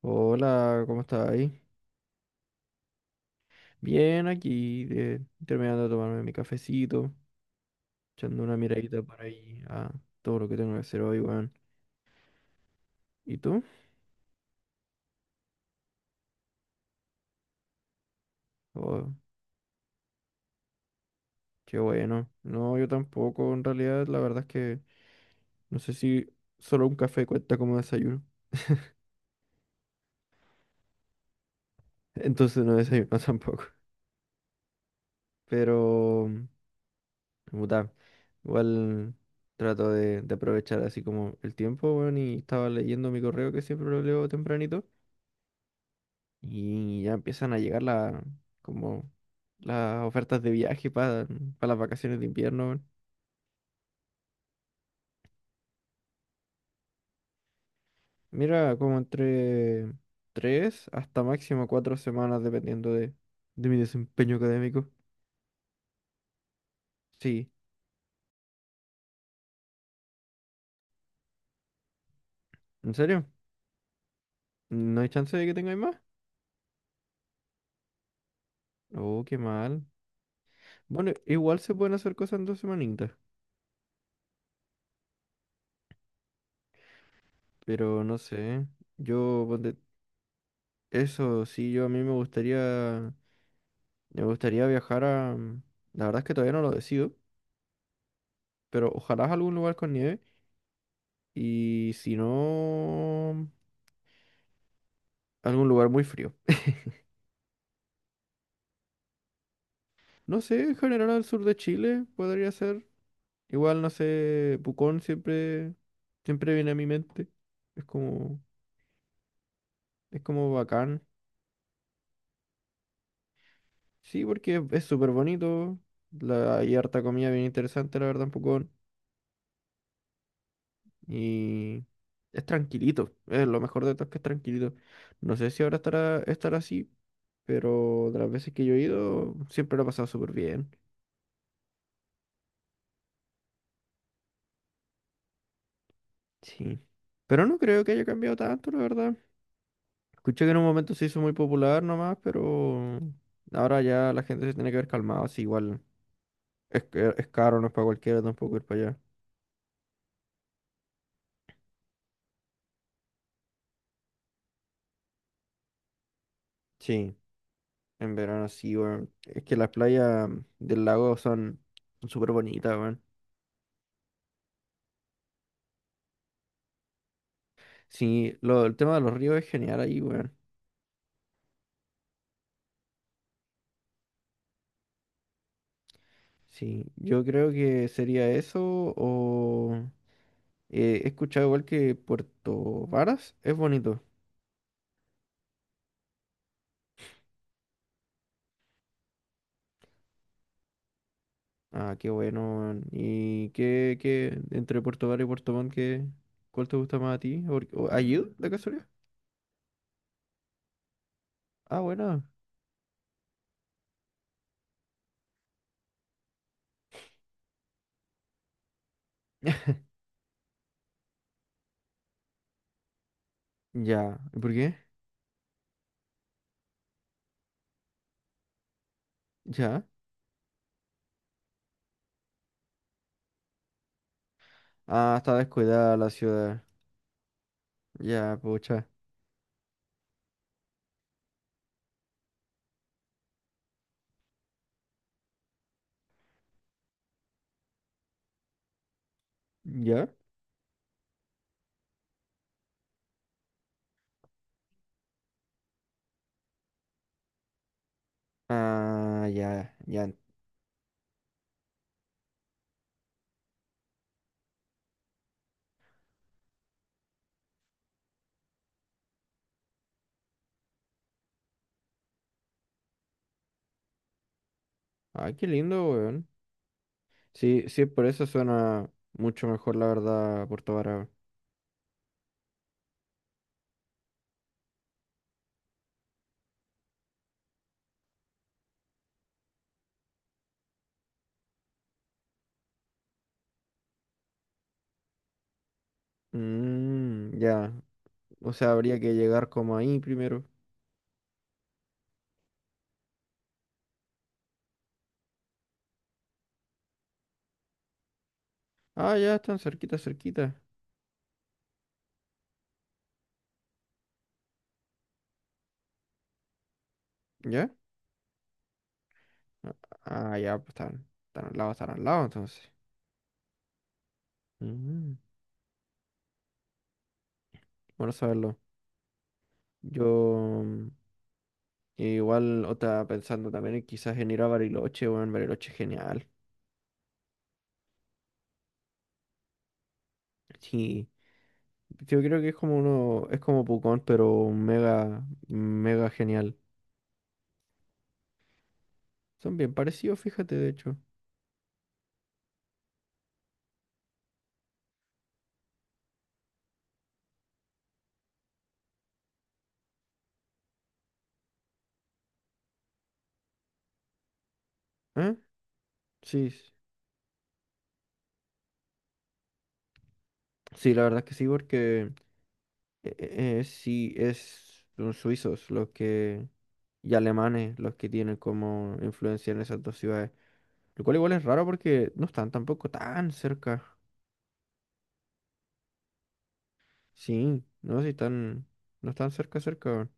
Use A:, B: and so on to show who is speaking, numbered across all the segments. A: Hola, ¿cómo estás ahí? Bien, aquí, terminando de tomarme mi cafecito, echando una miradita por ahí a todo lo que tengo que hacer hoy, weón. ¿Y tú? Oh, qué bueno. No, yo tampoco, en realidad, la verdad es que no sé si solo un café cuenta como desayuno. Entonces no desayuno tampoco. Pero, puta, igual trato de aprovechar así como el tiempo, weón, y estaba leyendo mi correo que siempre lo leo tempranito. Y ya empiezan a llegar como las ofertas de viaje para las vacaciones de invierno, weón. Mira, como entre tres hasta máximo cuatro semanas, dependiendo de mi desempeño académico. Sí, ¿en serio? ¿No hay chance de que tengáis más? Oh, qué mal. Bueno, igual se pueden hacer cosas en dos semanitas, pero no sé. Yo, ponte- eso sí, yo a mí me gustaría viajar a... La verdad es que todavía no lo decido, pero ojalá a algún lugar con nieve. Y si no, algún lugar muy frío. No sé, en general al sur de Chile podría ser. Igual, no sé, siempre viene a mi mente. Es como, es como bacán. Sí, porque es súper bonito. Hay harta comida bien interesante, la verdad, en Pucón. Y es tranquilito. Es lo mejor de todo es que es tranquilito. No sé si ahora estará así, pero de las veces que yo he ido, siempre lo he pasado súper bien. Sí. Pero no creo que haya cambiado tanto, la verdad. Escuché que en un momento se hizo muy popular nomás, pero ahora ya la gente se tiene que ver calmado. Así igual es, es caro, no es para cualquiera tampoco ir para allá. Sí, en verano sí, weón. Es que las playas del lago son súper bonitas, weón. Sí, lo, el tema de los ríos es genial ahí, weón. Sí, yo creo que sería eso o... he escuchado igual que Puerto Varas es bonito. Ah, qué bueno, weón. ¿Y entre Puerto Vara y Puerto Montt, cuál te gusta más a ti? ¿La casualidad? Ah, bueno. Ya. ¿Y por qué? Ya. Ah, está descuidada la ciudad. Ya, pucha. ¿Ya? Ah, ya, ya. Ah, qué lindo, weón. Sí, sí, por eso suena mucho mejor, la verdad, Puerto Vara. Mmm, ya. O sea, habría que llegar como ahí primero. Ah, ya, están cerquita, cerquita. ¿Ya? Ah, ya, pues están, están al lado, entonces. Mm, bueno saberlo. Yo igual otra pensando también en quizás en ir a Bariloche, bueno, Bariloche es genial. Sí, yo creo que es como uno, es como Pucón, pero mega, mega genial. Son bien parecidos, fíjate, de hecho. ¿Eh? Sí, s- sí, la verdad es que sí, porque sí, es, son suizos los que, y alemanes los que tienen como influencia en esas dos ciudades. Lo cual igual es raro porque no están tampoco tan cerca. Sí, no, si están. No están cerca, cerca, weón.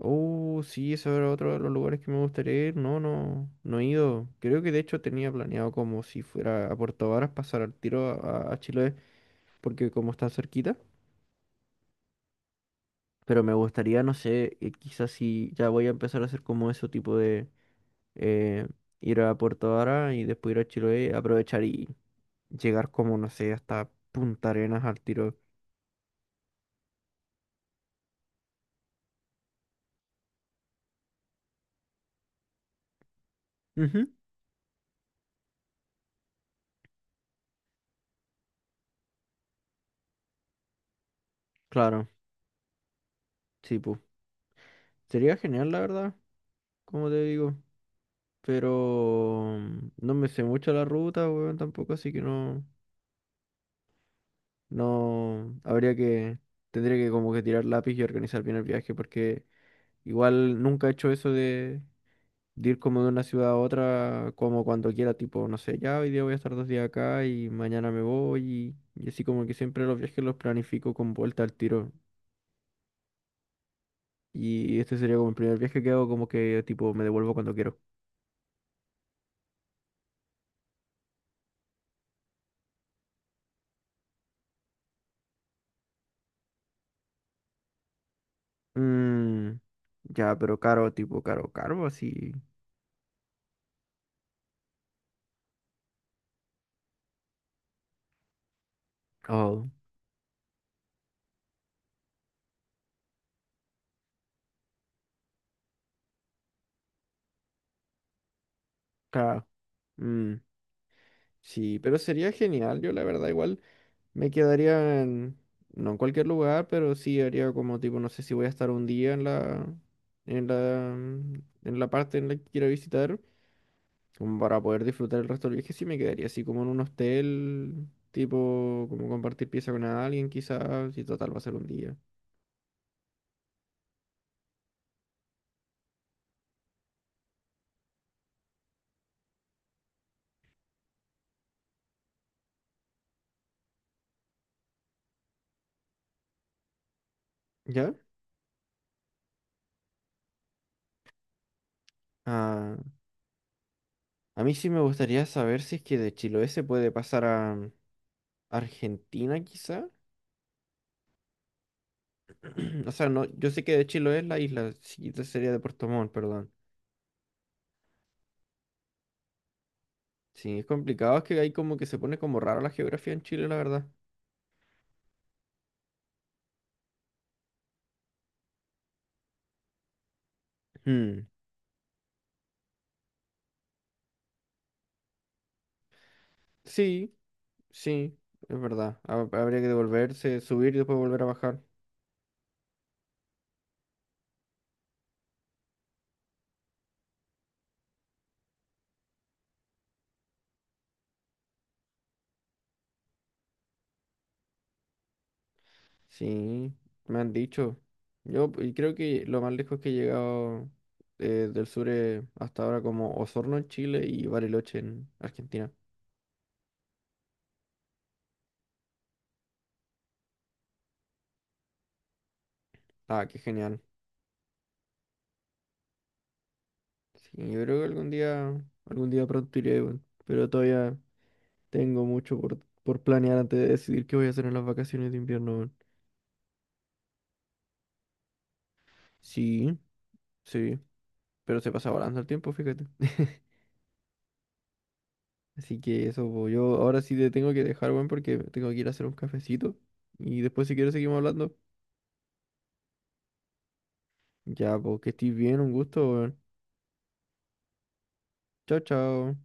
A: Oh, sí, ese era otro de los lugares que me gustaría ir. No, no, no he ido. Creo que de hecho tenía planeado como si fuera a Puerto Varas pasar al tiro a Chiloé, porque como está cerquita. Pero me gustaría, no sé, quizás si ya voy a empezar a hacer como ese tipo de eh, ir a Puerto Varas y después ir a Chiloé, aprovechar y llegar como, no sé, hasta Punta Arenas al tiro. Ujú. Claro, sí, pues. Sería genial, la verdad, como te digo. Pero no me sé mucho la ruta, weón, tampoco, así que no, no, habría que, tendría que como que tirar lápiz y organizar bien el viaje, porque igual nunca he hecho eso de ir como de una ciudad a otra, como cuando quiera, tipo, no sé, ya hoy día voy a estar dos días acá y mañana me voy y así como que siempre los viajes los planifico con vuelta al tiro. Y este sería como el primer viaje que hago, como que tipo me devuelvo cuando quiero. Mm, ya, pero caro, tipo caro, caro, así. Oh, claro. Mm, sí, pero sería genial. Yo, la verdad, igual me quedaría en, no en cualquier lugar, pero sí haría como tipo, no sé si voy a estar un día en la parte en la que quiero visitar, como para poder disfrutar el resto del viaje, sí me quedaría así como en un hostel, tipo, como compartir pieza con alguien, quizás, y total va a ser un día. ¿Ya? Ah. A mí sí me gustaría saber si es que de Chiloé se puede pasar a Argentina, quizá. O sea, no, yo sé que de Chiloé es la isla, sí, esta sería de Puerto Montt, perdón. Sí, es complicado, es que hay como que se pone como raro la geografía en Chile, la verdad. Hmm, sí, sí, es verdad. Habría que devolverse, subir y después volver a bajar. Sí, me han dicho. Yo creo que lo más lejos que he llegado del sur es hasta ahora como Osorno en Chile y Bariloche en Argentina. Ah, qué genial. Sí, yo creo que algún día pronto iré, weón. Pero todavía tengo mucho por planear antes de decidir qué voy a hacer en las vacaciones de invierno, weón. Sí, sí. Pero se pasa volando el tiempo, fíjate. Así que eso, po. Yo ahora sí te tengo que dejar, weón, porque tengo que ir a hacer un cafecito. Y después, si quieres, seguimos hablando. Ya, pues, que estés bien, un gusto, weón. Chao, chao.